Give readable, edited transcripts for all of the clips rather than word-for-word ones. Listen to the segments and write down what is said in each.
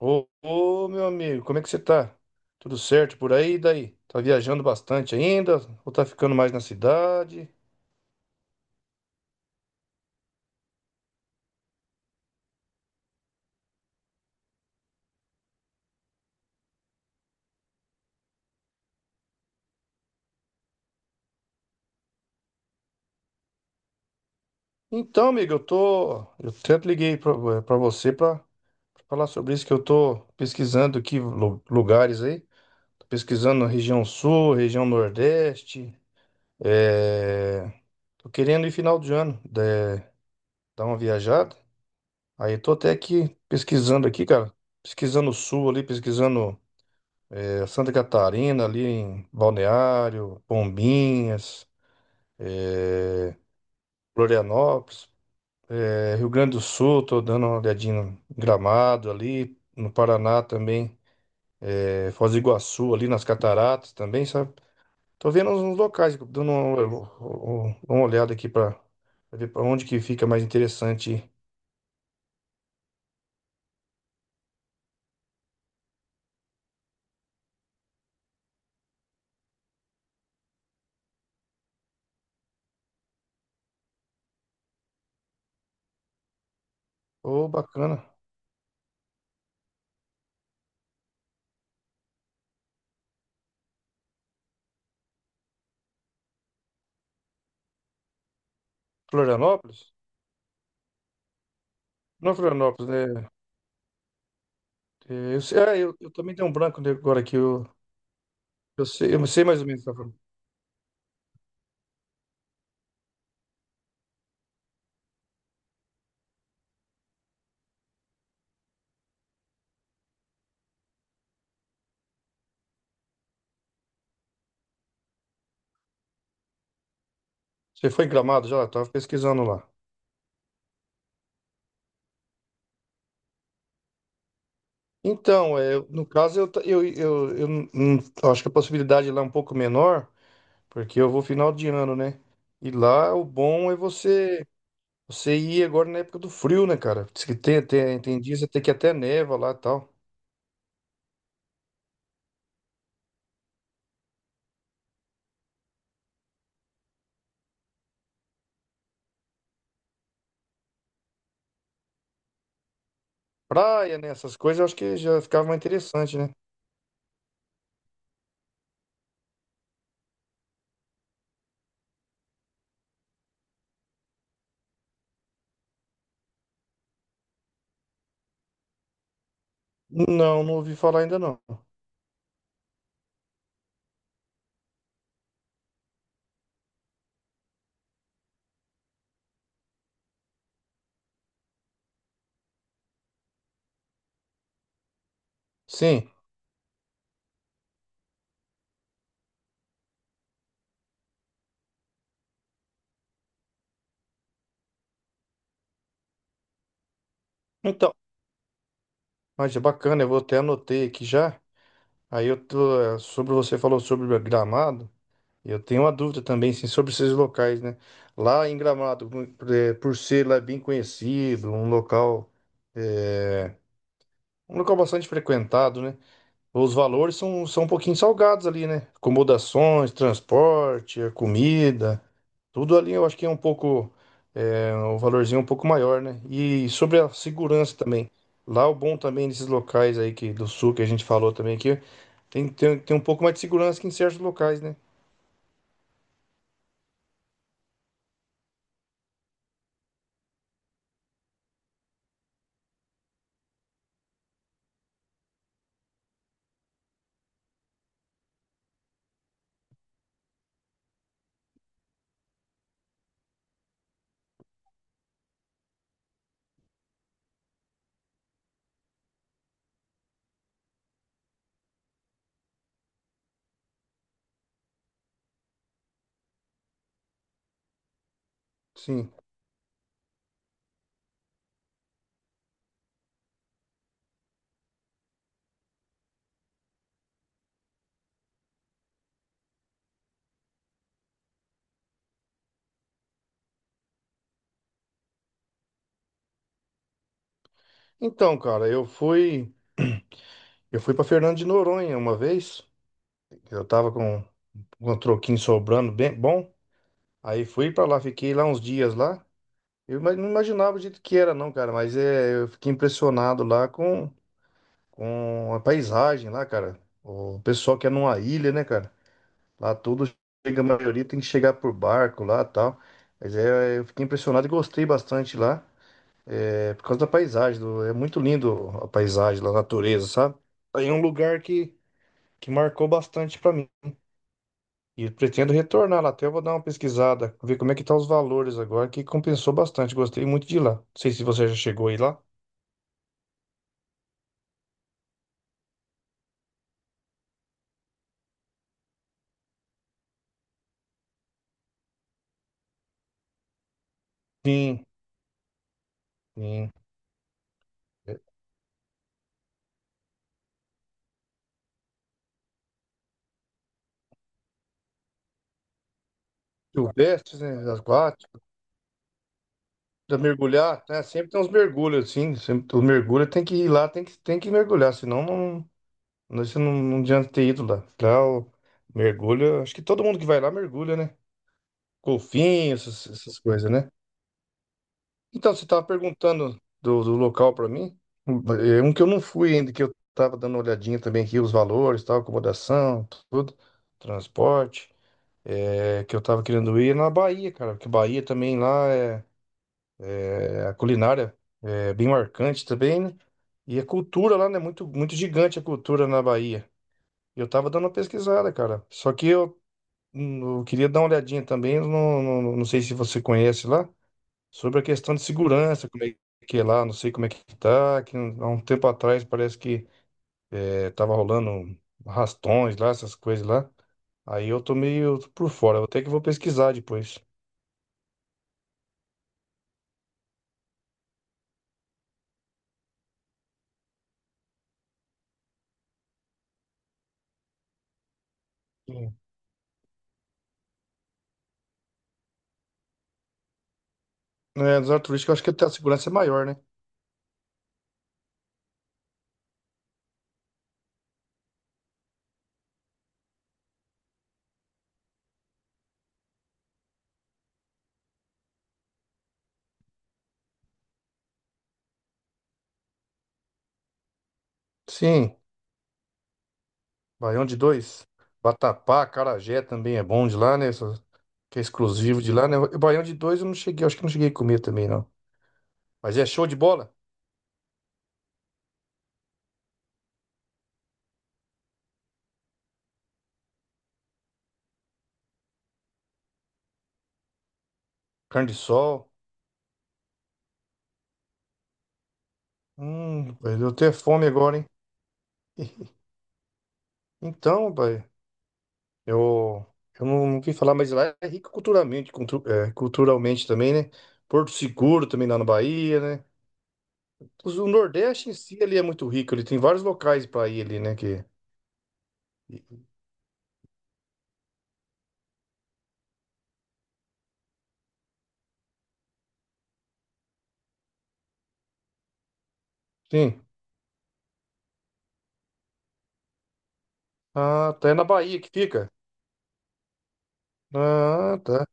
Ô, meu amigo, como é que você tá? Tudo certo por aí? E daí? Tá viajando bastante ainda? Ou tá ficando mais na cidade? Então, amigo, eu tô. Eu tanto liguei pra você pra falar sobre isso, que eu tô pesquisando aqui lugares aí. Tô pesquisando na região sul, região nordeste. É... Tô querendo ir final de ano, dar uma viajada. Aí eu tô até aqui pesquisando aqui, cara. Pesquisando o sul ali, pesquisando. Santa Catarina, ali em Balneário, Bombinhas, é, Florianópolis, Rio Grande do Sul, tô dando uma olhadinha no Gramado ali, no Paraná também, Foz do Iguaçu ali nas Cataratas também, sabe? Tô vendo uns locais, dando uma olhada aqui para ver para onde que fica mais interessante ir. Ô, bacana. Florianópolis? Não, é Florianópolis, né? É, Eu, sei- ah, eu também tenho um branco agora aqui. Eu sei mais ou menos. Tá? Você foi em Gramado já? Eu tava pesquisando lá. Então, no caso, eu, ta- eu não- não- eu acho que a possibilidade lá é um pouco menor, porque eu vou final de ano, né? E lá o bom é você ir agora na época do frio, né, cara? Diz que tem tem dias até que até neva lá e tal. Praia, né? Essas coisas eu acho que já ficava mais interessante, né? Não, não ouvi falar ainda não. Sim. Então, mas é bacana, eu vou até anotei aqui já. Aí eu tô, sobre você falou sobre Gramado. Eu tenho uma dúvida também, assim, sobre esses locais, né? Lá em Gramado, por ser lá bem conhecido, eh, um local bastante frequentado, né? Os valores são um pouquinho salgados ali, né? Acomodações, transporte, a comida, tudo ali eu acho que é um valorzinho um pouco maior, né? E sobre a segurança também. Lá o bom também desses locais aí que, do sul que a gente falou também aqui, tem tem um pouco mais de segurança que em certos locais, né? Sim. Então, cara, eu fui para Fernando de Noronha uma vez. Eu tava com um troquinho sobrando bem bom. Aí fui para lá, fiquei lá uns dias lá. Não imaginava o jeito que era, não, cara, mas eu fiquei impressionado lá com a paisagem lá, cara. O pessoal que é numa ilha, né, cara? Lá tudo chega, a maioria tem que chegar por barco lá, e tal. Mas eu fiquei impressionado e gostei bastante lá, por causa da paisagem, é muito lindo a paisagem, lá, a natureza, sabe? Aí é um lugar que marcou bastante para mim. E eu pretendo retornar lá até, eu vou dar uma pesquisada, ver como é que tá os valores agora, que compensou bastante, gostei muito de ir lá. Não sei se você já chegou aí lá. Sim, sim. Silvestres, né, aquático, da mergulhar, né, sempre tem uns mergulhos, assim, sempre, o mergulho tem que ir lá, tem que mergulhar, senão não, não, você não, não adianta ter ido lá. Lá o mergulho, acho que todo mundo que vai lá mergulha, né? Golfinho, essas coisas, né? Então, você estava perguntando do local para mim. É um que eu não fui ainda, que eu estava dando uma olhadinha também aqui, os valores, tal, acomodação, tudo, transporte. Que eu estava querendo ir é na Bahia, cara, porque Bahia também lá a culinária é bem marcante também, né? E a cultura lá, né? Muito, muito gigante a cultura na Bahia. Eu tava dando uma pesquisada, cara. Só que eu queria dar uma olhadinha também, eu não sei se você conhece lá sobre a questão de segurança, como é que é lá, não sei como é que tá, que há um tempo atrás parece que tava rolando rastões lá, essas coisas lá. Aí eu tô meio por fora, eu até que vou pesquisar depois. Sim. É, dos turísticos eu acho que até a segurança é maior, né? Sim, Baião de dois. Vatapá, Carajé também é bom de lá, né? Que é exclusivo de lá, né? E Baião de dois eu não cheguei, eu acho que não cheguei a comer também, não. Mas é show de bola. Carne de sol. Rapaz, deu até fome agora, hein? Então, pai. Eu, eu não quis falar, mas lá é rico culturalmente, culturalmente também, né? Porto Seguro também lá na Bahia, né? O Nordeste em si ele é muito rico, ele tem vários locais para ir ali, né? Que... Sim. Ah, tá. É na Bahia que fica? Ah, tá.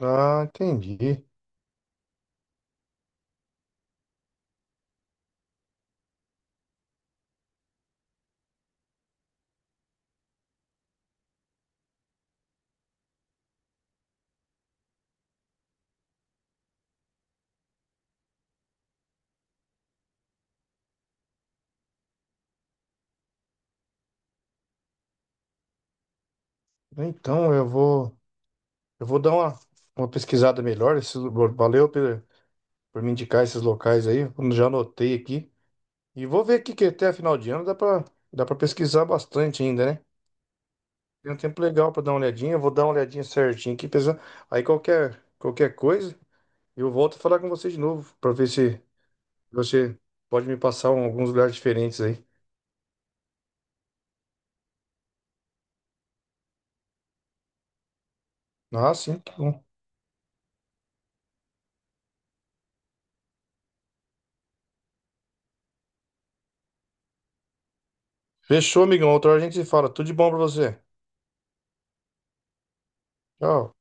Ah, entendi. Então eu vou dar uma pesquisada melhor. Valeu por me indicar esses locais aí. Eu já anotei aqui. E vou ver aqui que até a final de ano dá para pesquisar bastante ainda, né? Tem um tempo legal pra dar uma olhadinha. Eu vou dar uma olhadinha certinho aqui, pessoal. Aí qualquer coisa, eu volto a falar com você de novo, pra ver se você pode me passar alguns lugares diferentes aí. Ah, sim, tá bom. Fechou, amigão. Outra hora a gente se fala. Tudo de bom pra você. Tchau.